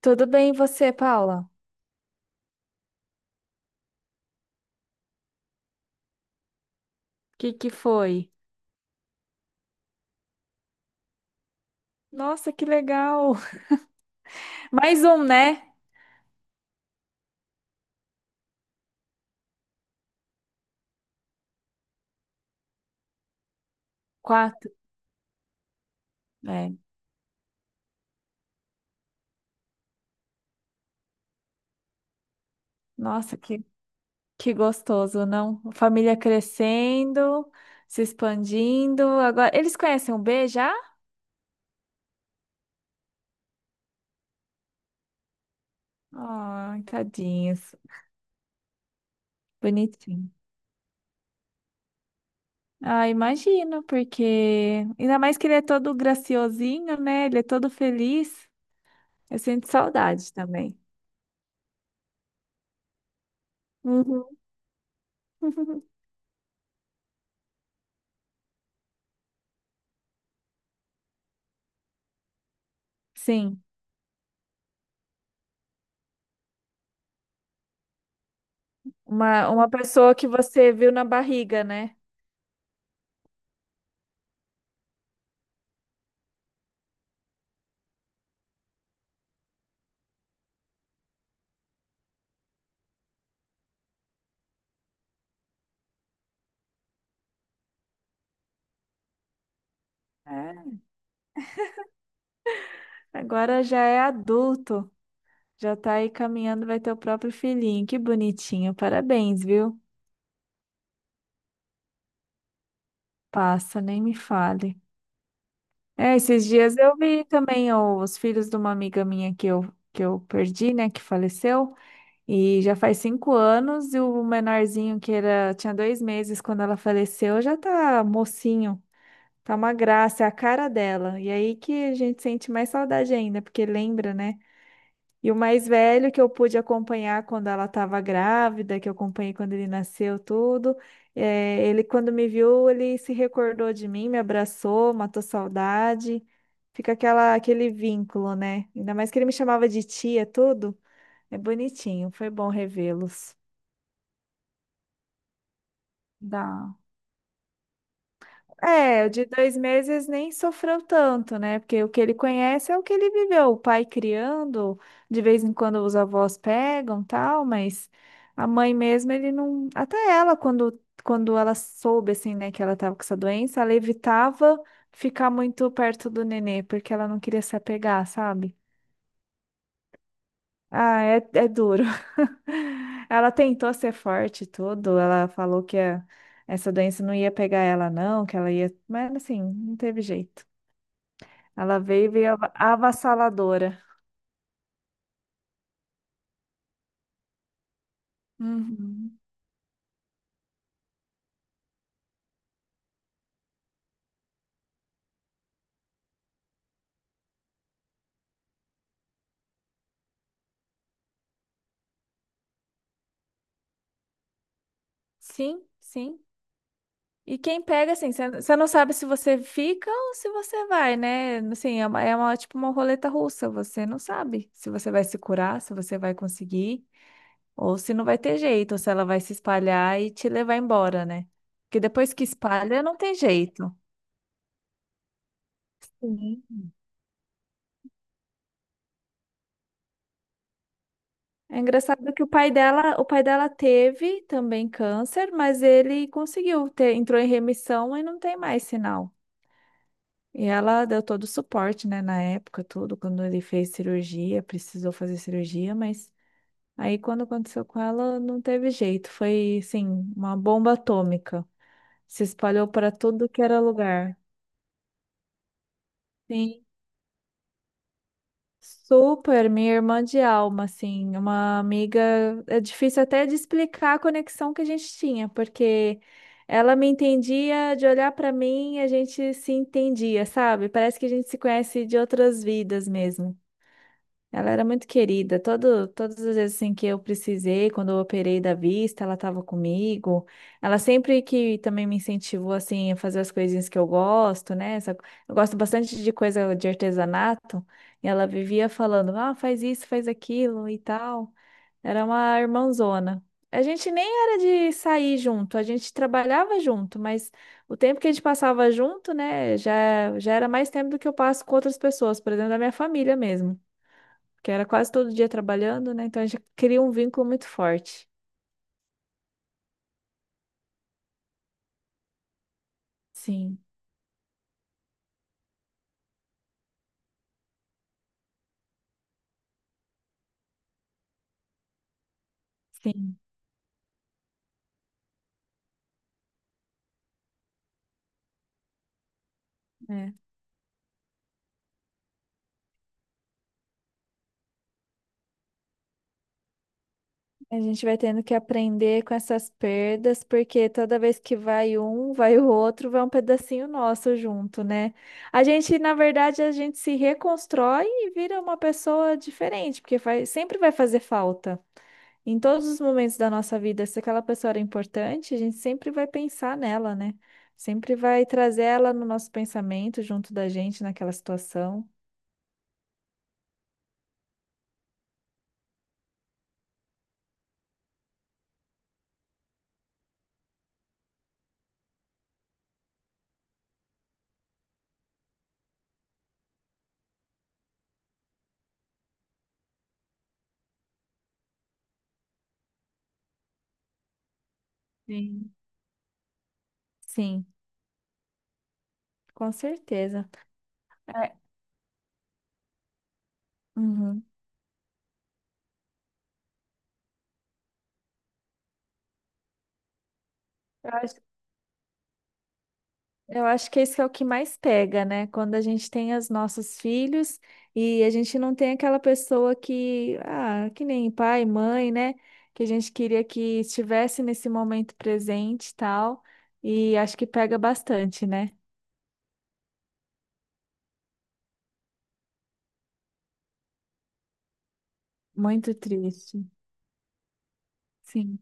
Tudo bem, e você, Paula? O que que foi? Nossa, que legal! Mais um, né? Quatro. É. Nossa, que gostoso, não? A família crescendo, se expandindo. Agora, eles conhecem o B já? Ai, tadinhos. Bonitinho. Ah, imagino, porque ainda mais que ele é todo graciosinho, né? Ele é todo feliz. Eu sinto saudade também. Uhum. Sim, uma pessoa que você viu na barriga, né? É. Agora já é adulto, já tá aí caminhando, vai ter o próprio filhinho. Que bonitinho, parabéns, viu? Passa, nem me fale. É, esses dias eu vi também ó, os filhos de uma amiga minha que eu perdi, né, que faleceu, e já faz 5 anos, e o menorzinho que era, tinha 2 meses quando ela faleceu, já tá mocinho, tá uma graça, é a cara dela. E aí que a gente sente mais saudade ainda, porque lembra, né? E o mais velho que eu pude acompanhar quando ela estava grávida, que eu acompanhei quando ele nasceu, tudo. Ele, quando me viu, ele se recordou de mim, me abraçou, matou saudade. Fica aquele vínculo, né? Ainda mais que ele me chamava de tia, tudo. É bonitinho, foi bom revê-los. Dá. É, o de 2 meses nem sofreu tanto, né? Porque o que ele conhece é o que ele viveu, o pai criando, de vez em quando os avós pegam, tal, mas a mãe mesmo, ele não. Até ela, quando ela soube, assim, né, que ela tava com essa doença, ela evitava ficar muito perto do nenê, porque ela não queria se apegar, sabe? Ah, é, é duro. Ela tentou ser forte e tudo, ela falou que essa doença não ia pegar ela, não, que ela ia. Mas assim, não teve jeito. Ela veio e veio avassaladora. Uhum. Sim, sim. E quem pega, assim, você não sabe se você fica ou se você vai, né? Assim, tipo uma roleta russa. Você não sabe se você vai se curar, se você vai conseguir, ou se não vai ter jeito, ou se ela vai se espalhar e te levar embora, né? Porque depois que espalha, não tem jeito. Sim. É engraçado que o pai dela teve também câncer, mas ele conseguiu ter, entrou em remissão e não tem mais sinal. E ela deu todo o suporte, né, na época, tudo, quando ele fez cirurgia, precisou fazer cirurgia, mas aí quando aconteceu com ela, não teve jeito, foi, assim, uma bomba atômica. Se espalhou para tudo que era lugar. Sim, super, minha irmã de alma, assim, uma amiga, é difícil até de explicar a conexão que a gente tinha, porque ela me entendia de olhar para mim, a gente se entendia, sabe? Parece que a gente se conhece de outras vidas mesmo. Ela era muito querida. Todo, todas as vezes assim, que eu precisei, quando eu operei da vista, ela estava comigo. Ela sempre que também me incentivou assim, a fazer as coisinhas que eu gosto, né? Eu gosto bastante de coisa de artesanato. E ela vivia falando, ah, faz isso, faz aquilo e tal. Era uma irmãzona. A gente nem era de sair junto, a gente trabalhava junto, mas o tempo que a gente passava junto, né, já era mais tempo do que eu passo com outras pessoas, por exemplo, da minha família mesmo que era quase todo dia trabalhando, né? Então a gente cria um vínculo muito forte. Sim, sim. É. A gente vai tendo que aprender com essas perdas, porque toda vez que vai um, vai o outro, vai um pedacinho nosso junto, né? A gente se reconstrói e vira uma pessoa diferente, porque sempre vai fazer falta. Em todos os momentos da nossa vida, se aquela pessoa era importante, a gente sempre vai pensar nela, né? Sempre vai trazer ela no nosso pensamento, junto da gente, naquela situação. Sim. Sim, com certeza. É. Uhum. Eu acho Eu acho que isso é o que mais pega, né? Quando a gente tem os nossos filhos e a gente não tem aquela pessoa que, ah, que nem pai, mãe, né? Que a gente queria que estivesse nesse momento presente e tal. E acho que pega bastante, né? Muito triste. Sim,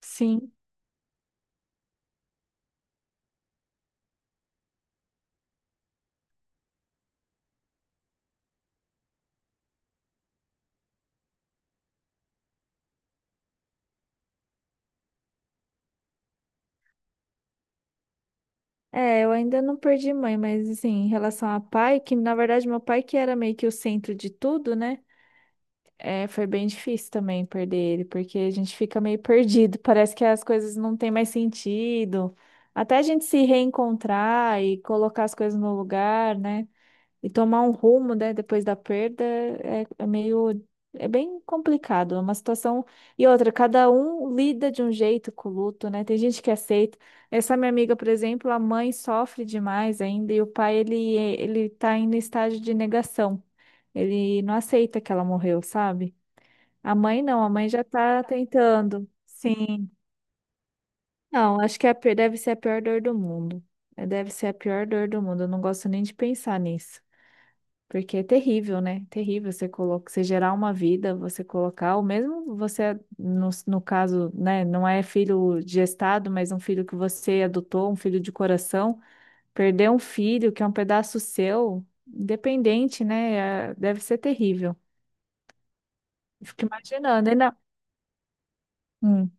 sim. É, eu ainda não perdi mãe, mas assim, em relação a pai, que na verdade meu pai que era meio que o centro de tudo, né? É, foi bem difícil também perder ele, porque a gente fica meio perdido, parece que as coisas não têm mais sentido. Até a gente se reencontrar e colocar as coisas no lugar, né? E tomar um rumo, né, depois da perda, é, é meio. É bem complicado, é uma situação. E outra, cada um lida de um jeito com o luto, né? Tem gente que aceita. Essa minha amiga, por exemplo, a mãe sofre demais ainda e o pai, ele tá em estágio de negação. Ele não aceita que ela morreu, sabe? A mãe não, a mãe já tá tentando. Sim. Não, acho que deve ser a pior dor do mundo. É, deve ser a pior dor do mundo. Eu não gosto nem de pensar nisso. Porque é terrível, né? Terrível você colocar, você gerar uma vida, você colocar, ou mesmo você, no caso, né, não é filho gestado, mas um filho que você adotou, um filho de coração, perder um filho que é um pedaço seu, independente, né? Deve ser terrível. Eu fico imaginando, ainda. Hum,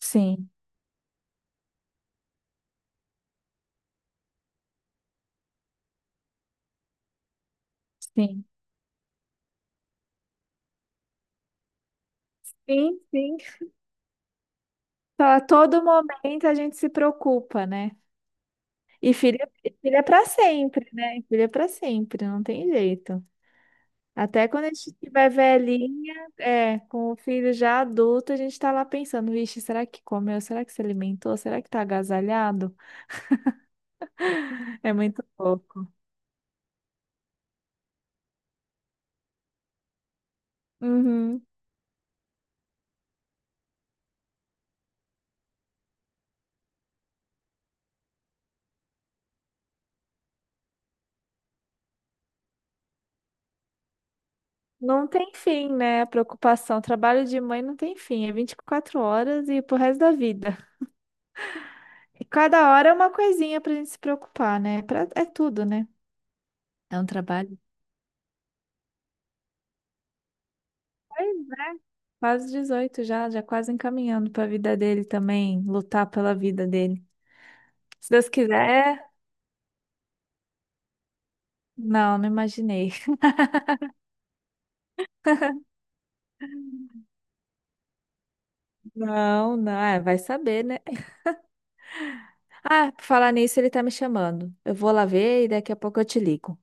sim, sim. Sim, sim. Só a todo momento a gente se preocupa, né? E filho, Filho é para sempre, né? Filho é para sempre, não tem jeito. Até quando a gente estiver velhinha, é, com o filho já adulto, a gente está lá pensando, vixe, será que comeu? Será que se alimentou? Será que tá agasalhado? É muito pouco. Uhum. Não tem fim, né? A preocupação. O trabalho de mãe não tem fim. É 24 horas e pro resto da vida. E cada hora é uma coisinha pra gente se preocupar, né? É tudo, né? É um trabalho. Pois é. Quase 18 já, já quase encaminhando para a vida dele também, lutar pela vida dele. Se Deus quiser, não, não imaginei. Não, não, é, vai saber, né? Ah, por falar nisso, ele tá me chamando. Eu vou lá ver e daqui a pouco eu te ligo.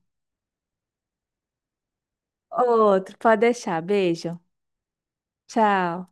Outro, pode deixar. Beijo. Tchau.